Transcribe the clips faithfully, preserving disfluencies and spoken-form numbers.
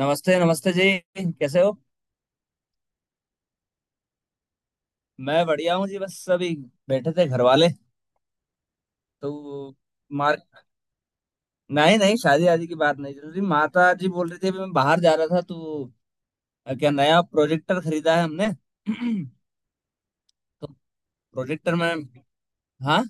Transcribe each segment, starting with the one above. नमस्ते नमस्ते जी। कैसे हो? मैं बढ़िया हूँ जी। बस अभी बैठे थे घर वाले तो। मार नहीं नहीं, शादी आदि की बात नहीं चल रही। माता जी बोल रही थी, अभी मैं बाहर जा रहा था तो अ, क्या नया प्रोजेक्टर खरीदा है हमने। तो प्रोजेक्टर में। हाँ,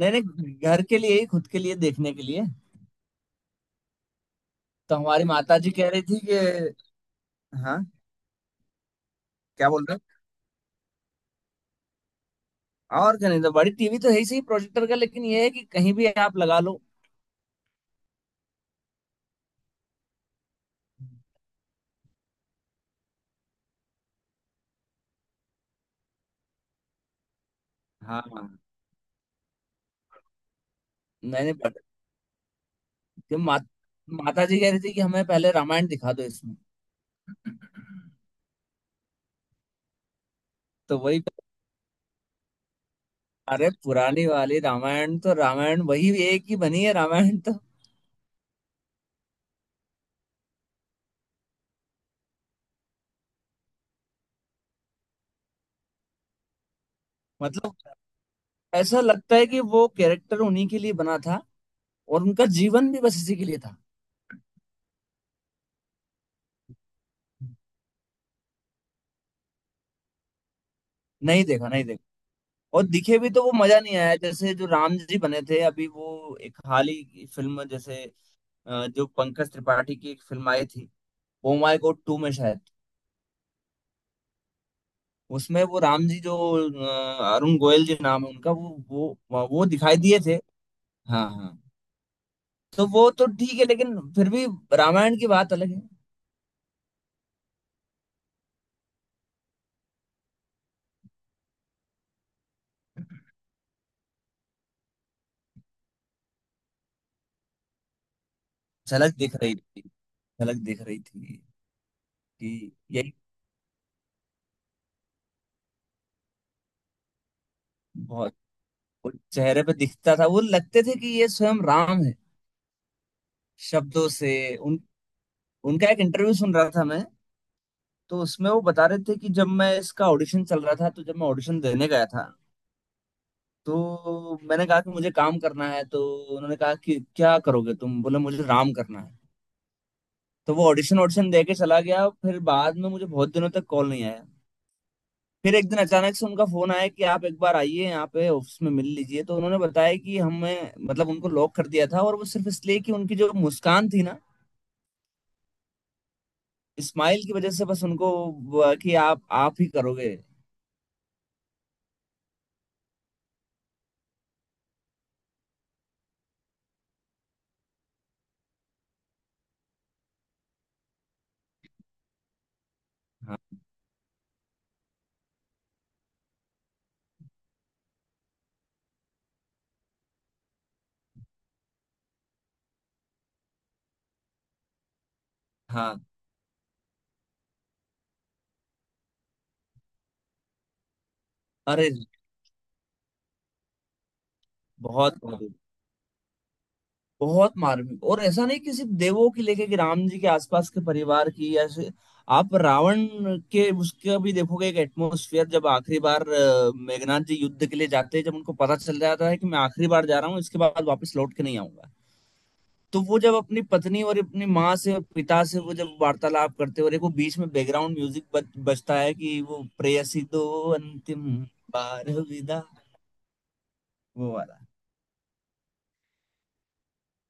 नहीं नहीं, घर के लिए ही, खुद के लिए देखने के लिए। तो हमारी माता जी कह रही थी कि, हाँ, क्या बोल रहे हो? और क्या, नहीं तो बड़ी टीवी तो है ही सही, प्रोजेक्टर का लेकिन ये है कि कहीं भी आप लगा लो। हाँ हाँ, नहीं नहीं, कि मा, माता जी कह रही थी कि हमें पहले रामायण दिखा दो इसमें। तो वही, अरे, पुरानी वाली रामायण तो, रामायण वही एक ही बनी है, रामायण तो। मतलब ऐसा लगता है कि वो कैरेक्टर उन्हीं के लिए बना था और उनका जीवन भी बस इसी के लिए था। नहीं देखा, नहीं देखा। और दिखे भी तो वो मजा नहीं आया, जैसे जो राम जी बने थे अभी वो एक हाल ही की फिल्म, जैसे अ, जो पंकज त्रिपाठी की एक फिल्म आई थी, ओ माय गॉड टू में शायद। उसमें वो राम जी जो, अ, अरुण गोयल जी नाम है उनका, वो वो वो दिखाई दिए थे। हाँ हाँ। तो वो तो ठीक है लेकिन फिर भी रामायण की बात अलग है। झलक दिख रही थी, झलक दिख रही थी, कि यही। बहुत, वो चेहरे पे दिखता था, वो लगते थे कि ये स्वयं राम है। शब्दों से उन उनका एक इंटरव्यू सुन रहा था मैं। तो उसमें वो बता रहे थे कि जब मैं इसका ऑडिशन चल रहा था, तो जब मैं ऑडिशन देने गया था तो मैंने कहा कि मुझे काम करना है, तो उन्होंने कहा कि क्या करोगे तुम? बोले मुझे राम करना है। तो वो ऑडिशन ऑडिशन दे के चला गया, फिर बाद में मुझे बहुत दिनों तक कॉल नहीं आया। फिर एक दिन अचानक से उनका फोन आया कि आप एक बार आइए, यहाँ पे ऑफिस में मिल लीजिए। तो उन्होंने बताया कि हमें, मतलब उनको लॉक कर दिया था, और वो सिर्फ इसलिए कि उनकी जो मुस्कान थी ना, स्माइल की वजह से बस उनको वो कि आप आप ही करोगे। हाँ हाँ, अरे, बहुत बहुत बहुत मार्मिक, और ऐसा नहीं कि सिर्फ देवों की लेके कि राम जी के आसपास के परिवार की, या से- आप रावण के उसका भी देखोगे एक एटमोस्फियर। जब आखिरी बार अ, मेघनाथ जी युद्ध के लिए जाते हैं, जब उनको पता चल जाता है कि मैं आखिरी बार जा रहा हूँ, इसके बाद वापस लौट के नहीं आऊंगा, तो वो जब अपनी पत्नी और अपनी माँ से और पिता से वो जब वार्तालाप करते हैं, और एक वो बीच में बैकग्राउंड म्यूजिक बज, बजता है कि वो प्रेयसी दो अंतिम बार विदा, वो वाला।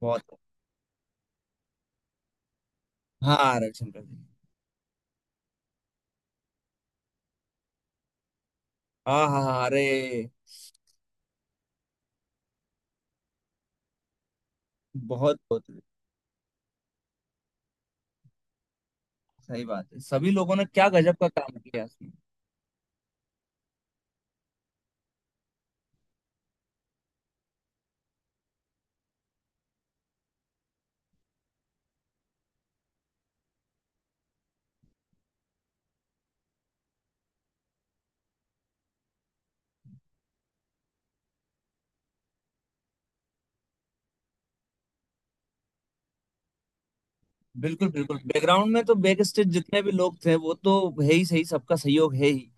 बहुत। हाँ, रविशंकर जी। हाँ हाँ हाँ, अरे, बहुत बहुत सही बात है। सभी लोगों ने क्या गजब का काम किया इसमें। बिल्कुल बिल्कुल, बैकग्राउंड में तो बैक स्टेज जितने भी लोग थे वो तो है ही सही, सबका सहयोग है ही।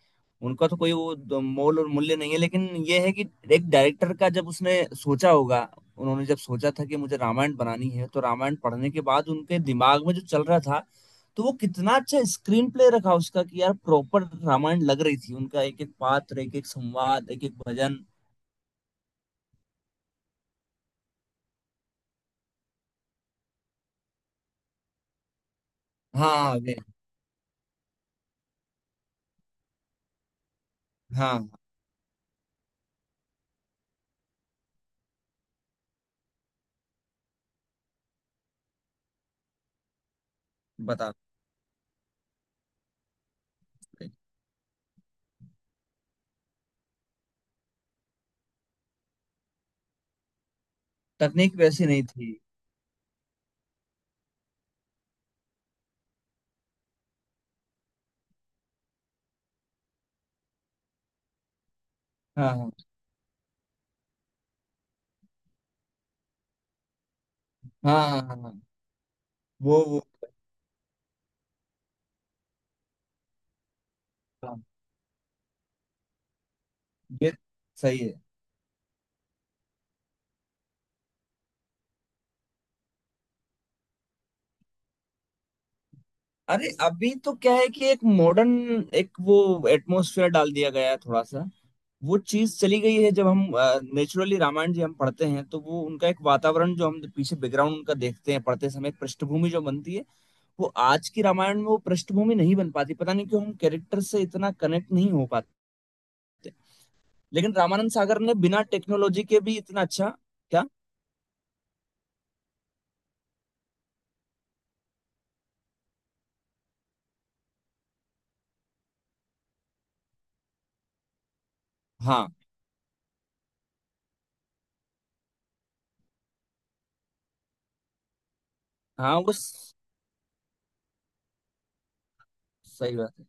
उनका तो कोई वो द- मोल और मूल्य नहीं है, लेकिन ये है कि एक डायरेक्टर का जब उसने सोचा होगा, उन्होंने जब सोचा था कि मुझे रामायण बनानी है, तो रामायण पढ़ने के बाद उनके दिमाग में जो चल रहा था, तो वो कितना अच्छा स्क्रीन प्ले रखा उसका, कि यार प्रॉपर रामायण लग रही थी। उनका एक एक पात्र, एक एक संवाद, एक एक भजन। हाँ वे- हाँ हाँ, बता। तकनीक वैसी नहीं थी। हाँ हाँ हाँ हाँ हाँ, हाँ, वो वो। हाँ, ये सही है। अरे अभी तो क्या है कि एक मॉडर्न, एक वो एटमॉस्फेयर डाल दिया गया है थोड़ा सा। वो चीज चली गई है, जब हम नेचुरली रामायण जी हम पढ़ते हैं तो वो उनका एक वातावरण जो हम पीछे बैकग्राउंड उनका देखते हैं, पढ़ते समय एक पृष्ठभूमि जो बनती है, वो आज की रामायण में वो पृष्ठभूमि नहीं बन पाती, पता नहीं क्यों, हम कैरेक्टर से इतना कनेक्ट नहीं हो पाते। लेकिन रामानंद सागर ने बिना टेक्नोलॉजी के भी इतना अच्छा, क्या। हाँ हाँ, उस सही बात है।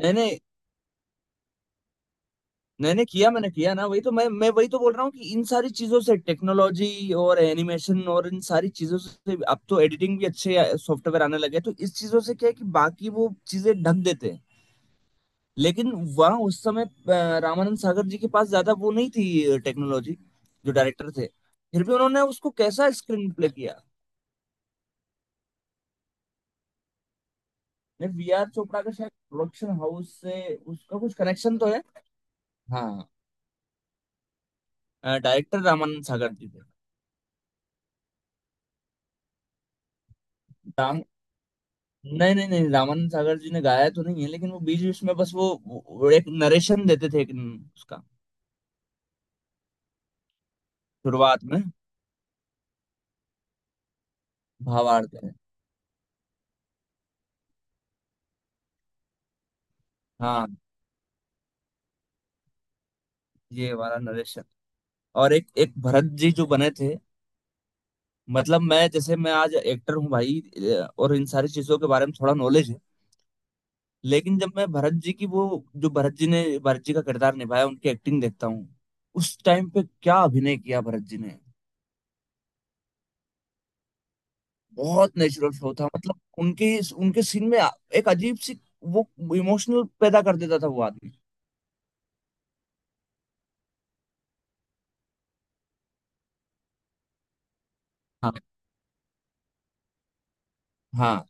मैंने मैंने किया, मैंने किया ना, वही तो, मैं मैं वही तो बोल रहा हूँ कि इन सारी चीजों से, टेक्नोलॉजी और एनिमेशन, और इन सारी चीजों से, अब तो एडिटिंग भी अच्छे सॉफ्टवेयर आने लगे हैं, तो इस चीजों से क्या है कि बाकी वो चीजें ढक देते हैं। लेकिन वहाँ उस समय अ, रामानंद सागर जी के पास ज्यादा वो नहीं थी टेक्नोलॉजी, जो डायरेक्टर थे। फिर भी उन्होंने उसको कैसा स्क्रीन प्ले किया। वी आर चोपड़ा का शायद प्रोडक्शन हाउस से उसका कुछ कनेक्शन तो है। हाँ। डायरेक्टर रामानंद सागर जी थे। नहीं नहीं नहीं, रामानंद सागर जी ने गाया तो नहीं है, लेकिन वो बीच बीच में बस वो, वो एक नरेशन देते थे, एक न- उसका शुरुआत में भावार्थ है। हाँ, ये वाला नरेशन। और एक एक भरत जी जो बने थे, मतलब मैं, जैसे मैं आज एक्टर हूँ भाई, अ, और इन सारी चीजों के बारे में थोड़ा नॉलेज है, लेकिन जब मैं भरत जी की वो, जो भरत जी ने, भरत जी का किरदार निभाया, उनकी एक्टिंग देखता हूँ, उस टाइम पे क्या अभिनय किया भरत जी ने। बहुत नेचुरल फ्लो था, मतलब उनके उनके सीन में एक अजीब सी वो इमोशनल पैदा कर देता था वो आदमी। हाँ हाँ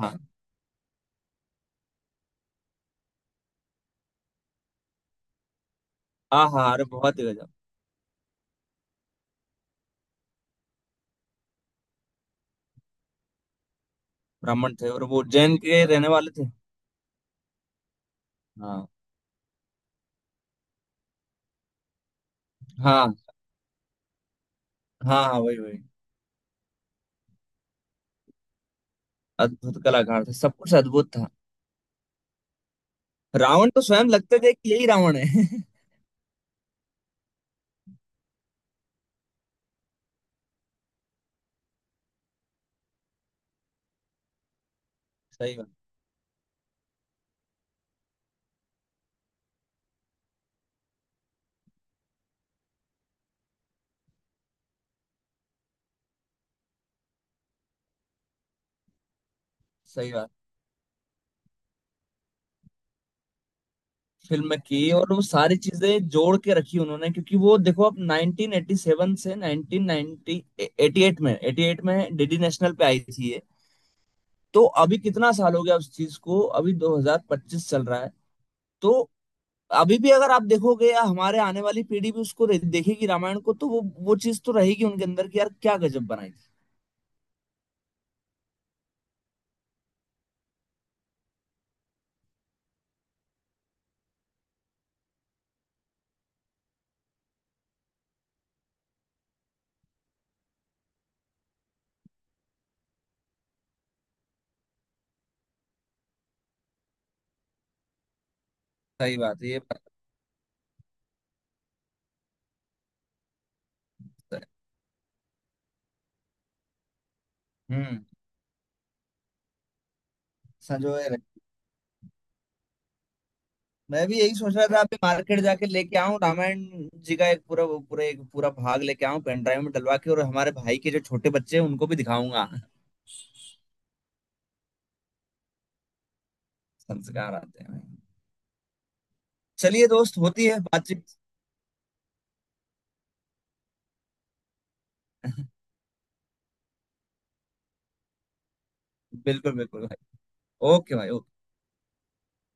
हाँ हाँ हाँ, अरे बहुत ही गजब। ब्राह्मण थे, और वो जैन के रहने वाले थे। हाँ हाँ हाँ हाँ, वही वही। अद्भुत कलाकार थे, सब कुछ अद्भुत था। रावण तो स्वयं लगते थे कि यही रावण है। सही बात, सही बात। फिल्म में की, और वो सारी चीजें जोड़ के रखी उन्होंने, क्योंकि वो देखो अब नाइनटीन एटी सेवन से नाइनटीन नाइंटी, एटी एट में, एटी एट में डीडी नेशनल पे आई थी। तो अभी कितना साल हो गया उस चीज को, अभी दो हज़ार पच्चीस चल रहा है। तो अभी भी अगर आप देखोगे या हमारे आने वाली पीढ़ी भी उसको रे- देखेगी रामायण को, तो वो वो चीज तो रहेगी उनके अंदर कि यार क्या गजब बनाई थी। सही बात है, ये बात तो है। हम्म संजोए रहे। मैं भी यही सोच रहा था, अभी मार्केट जाके लेके आऊं रामायण जी का एक पूरा, वो पूरा एक पूरा भाग लेके आऊं, पेन ड्राइव में डलवा के, और हमारे भाई के जो छोटे बच्चे हैं उनको भी दिखाऊंगा। संस्कार आते हैं। चलिए, दोस्त, होती है बातचीत। बिल्कुल बिल्कुल भाई, ओके भाई, ओके।